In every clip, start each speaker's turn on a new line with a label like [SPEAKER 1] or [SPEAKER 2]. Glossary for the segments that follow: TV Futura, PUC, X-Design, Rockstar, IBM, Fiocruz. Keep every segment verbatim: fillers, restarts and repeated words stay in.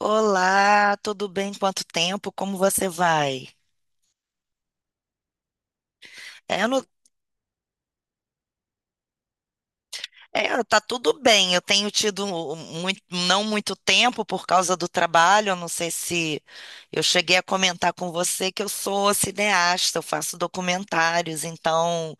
[SPEAKER 1] Olá, tudo bem? Quanto tempo? Como você vai? É, eu não, é, Tá tudo bem. Eu tenho tido muito, não muito tempo por causa do trabalho. Eu não sei se eu cheguei a comentar com você que eu sou cineasta, eu faço documentários, então,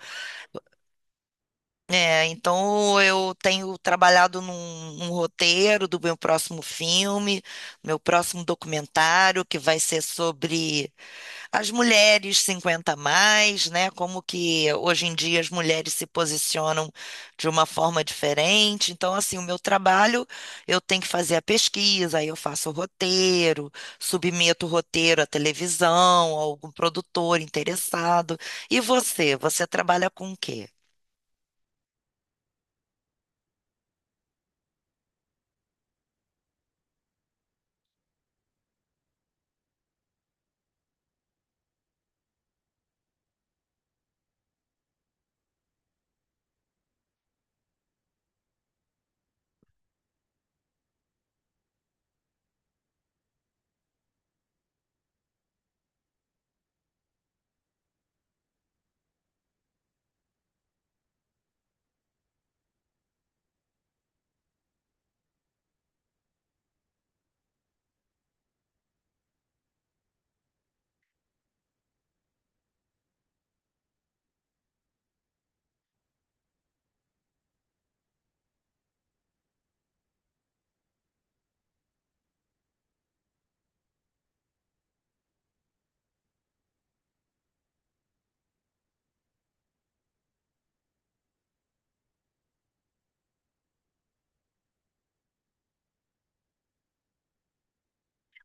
[SPEAKER 1] é, então eu tenho trabalhado num, num roteiro do meu próximo filme, meu próximo documentário, que vai ser sobre as mulheres cinquenta a mais, né? Como que hoje em dia as mulheres se posicionam de uma forma diferente. Então, assim, o meu trabalho, eu tenho que fazer a pesquisa, aí eu faço o roteiro, submeto o roteiro à televisão, a algum produtor interessado. E você, você trabalha com o quê?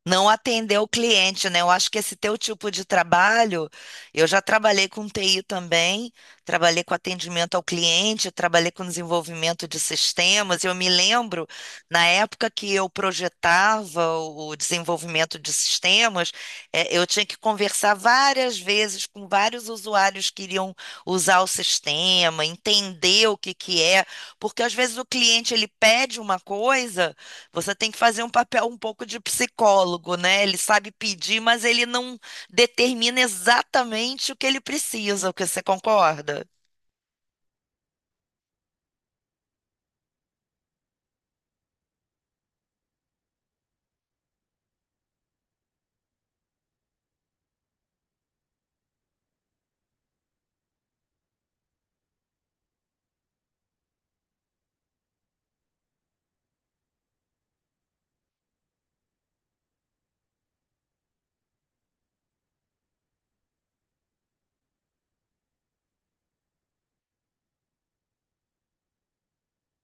[SPEAKER 1] Não atender o cliente, né? Eu acho que esse teu tipo de trabalho, eu já trabalhei com T I também, trabalhei com atendimento ao cliente, trabalhei com desenvolvimento de sistemas. Eu me lembro, na época que eu projetava o o desenvolvimento de sistemas, eh, eu tinha que conversar várias vezes com vários usuários que iriam usar o sistema, entender o que que é, porque às vezes o cliente ele pede uma coisa, você tem que fazer um papel um pouco de psicólogo, né? Ele sabe pedir, mas ele não determina exatamente o que ele precisa, o que você concorda?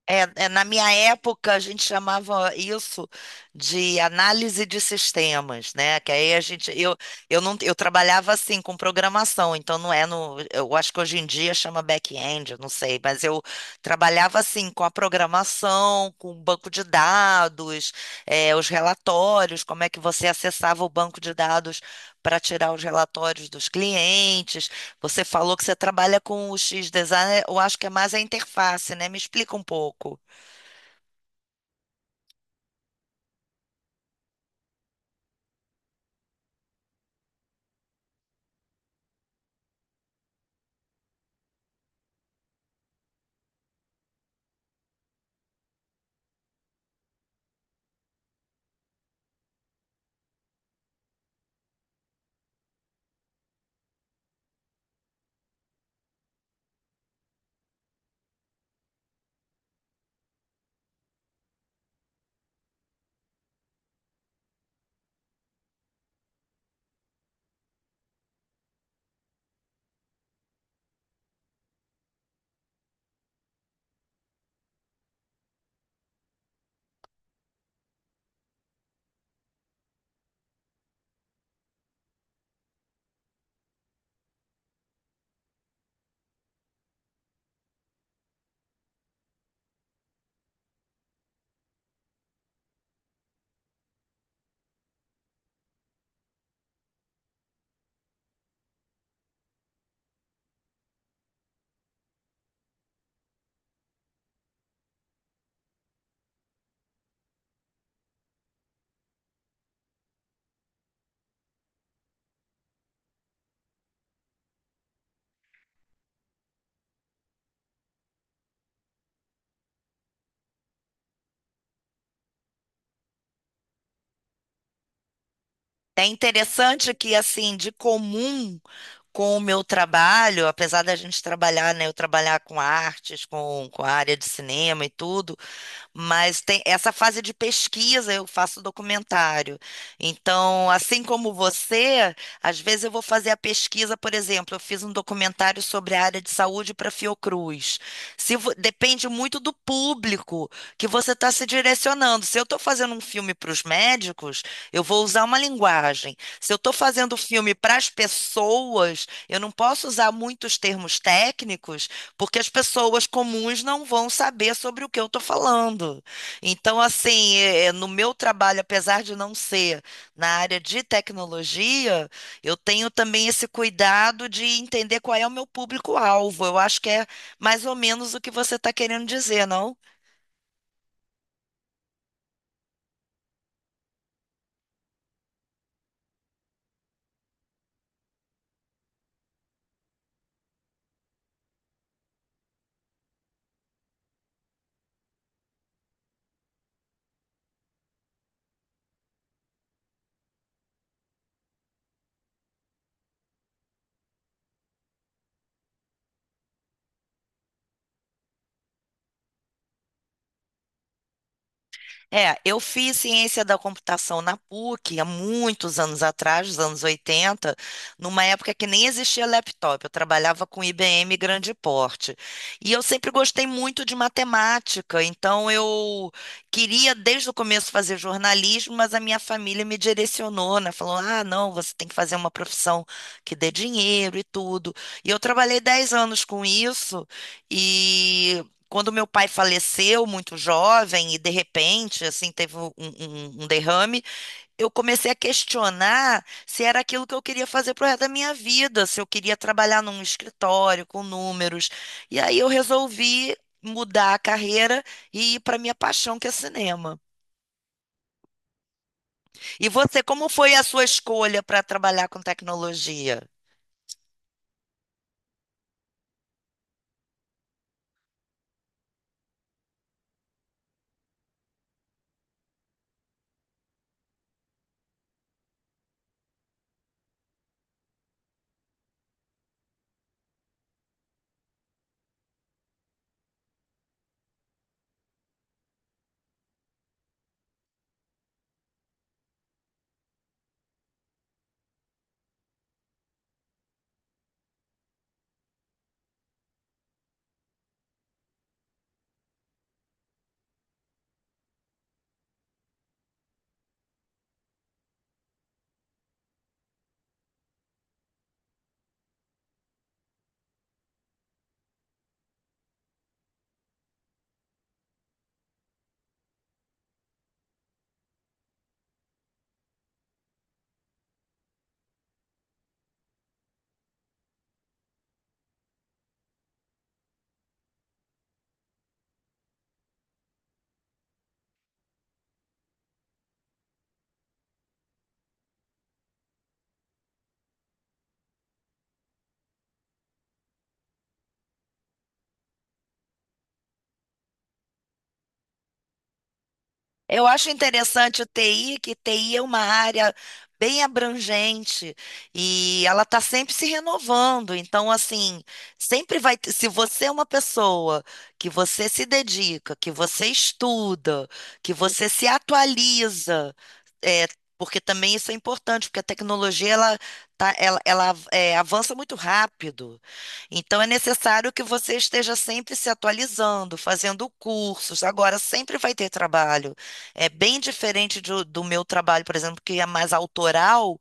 [SPEAKER 1] É, é, na minha época, a gente chamava isso de análise de sistemas, né? Que aí a gente, eu, eu não, eu trabalhava assim com programação, então não é no, eu acho que hoje em dia chama back-end, eu não sei, mas eu trabalhava assim com a programação, com o banco de dados, eh, os relatórios, como é que você acessava o banco de dados para tirar os relatórios dos clientes. Você falou que você trabalha com o X-Design, eu acho que é mais a interface, né? Me explica um pouco. É interessante que, assim, de comum com o meu trabalho, apesar da gente trabalhar, né? Eu trabalhar com artes, com, com a área de cinema e tudo, mas tem essa fase de pesquisa, eu faço documentário. Então, assim como você, às vezes eu vou fazer a pesquisa, por exemplo, eu fiz um documentário sobre a área de saúde para Fiocruz. Se vo- Depende muito do público que você está se direcionando. Se eu estou fazendo um filme para os médicos, eu vou usar uma linguagem. Se eu estou fazendo filme para as pessoas, eu não posso usar muitos termos técnicos, porque as pessoas comuns não vão saber sobre o que eu estou falando. Então, assim, é- é, no meu trabalho, apesar de não ser na área de tecnologia, eu tenho também esse cuidado de entender qual é o meu público-alvo. Eu acho que é mais ou menos o que você está querendo dizer, não? É, eu fiz ciência da computação na P U C há muitos anos atrás, nos anos oitenta, numa época que nem existia laptop. Eu trabalhava com I B M grande porte. E eu sempre gostei muito de matemática, então eu queria desde o começo fazer jornalismo, mas a minha família me direcionou, né? Falou: ah, não, você tem que fazer uma profissão que dê dinheiro e tudo. E eu trabalhei dez anos com isso. E quando meu pai faleceu muito jovem e de repente assim teve um, um- um um derrame, eu comecei a questionar se era aquilo que eu queria fazer pro resto da minha vida, se eu queria trabalhar num escritório com números. E aí eu resolvi mudar a carreira e ir para minha paixão, que é cinema. E você, como foi a sua escolha para trabalhar com tecnologia? Eu acho interessante o T I, que T I é uma área bem abrangente e ela está sempre se renovando. Então, assim, sempre vai. ter- Se você é uma pessoa que você se dedica, que você estuda, que você se atualiza, é, porque também isso é importante, porque a tecnologia ela, tá, ela, ela é, avança muito rápido. Então, é necessário que você esteja sempre se atualizando, fazendo cursos. Agora, sempre vai ter trabalho. É bem diferente de- do meu trabalho, por exemplo, que é mais autoral,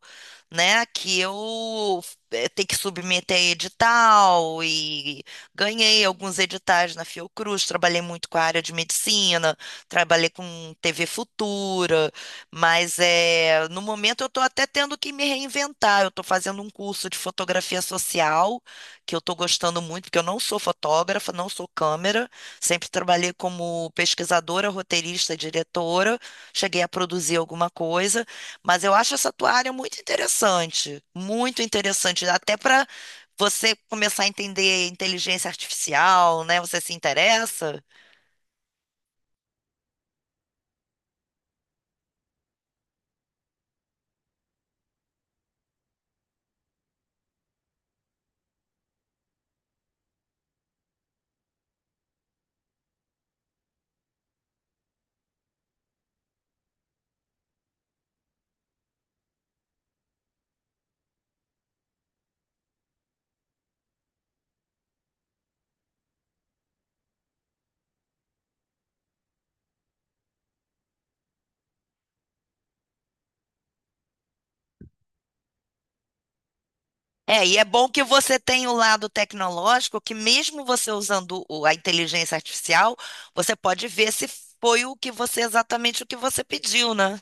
[SPEAKER 1] né? Que eu eh, tenho que submeter a edital e ganhei alguns editais na Fiocruz, trabalhei muito com a área de medicina, trabalhei com T V Futura, mas é, no momento eu estou até tendo que me reinventar. Eu estou fazendo um curso de fotografia social, que eu estou gostando muito, porque eu não sou fotógrafa, não sou câmera. Sempre trabalhei como pesquisadora, roteirista, diretora, cheguei a produzir alguma coisa, mas eu acho essa tua área muito interessante, muito interessante, até para você começar a entender inteligência artificial, né? Você se interessa? É, e é bom que você tenha o lado tecnológico, que mesmo você usando o- a inteligência artificial, você pode ver se foi o que você exatamente o que você pediu, né?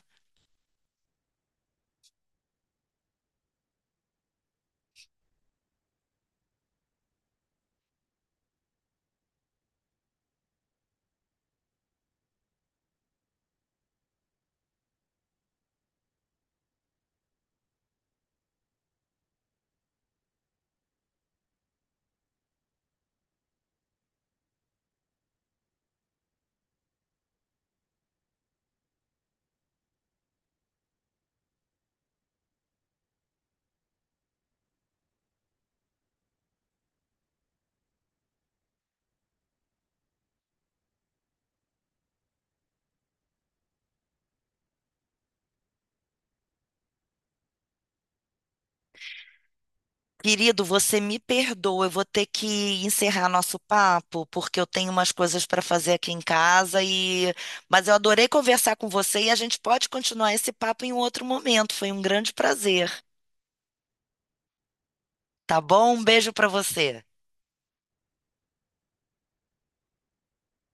[SPEAKER 1] Querido, você me perdoa, eu vou ter que encerrar nosso papo, porque eu tenho umas coisas para fazer aqui em casa e mas eu adorei conversar com você e a gente pode continuar esse papo em um outro momento. Foi um grande prazer, tá bom? Um beijo para você.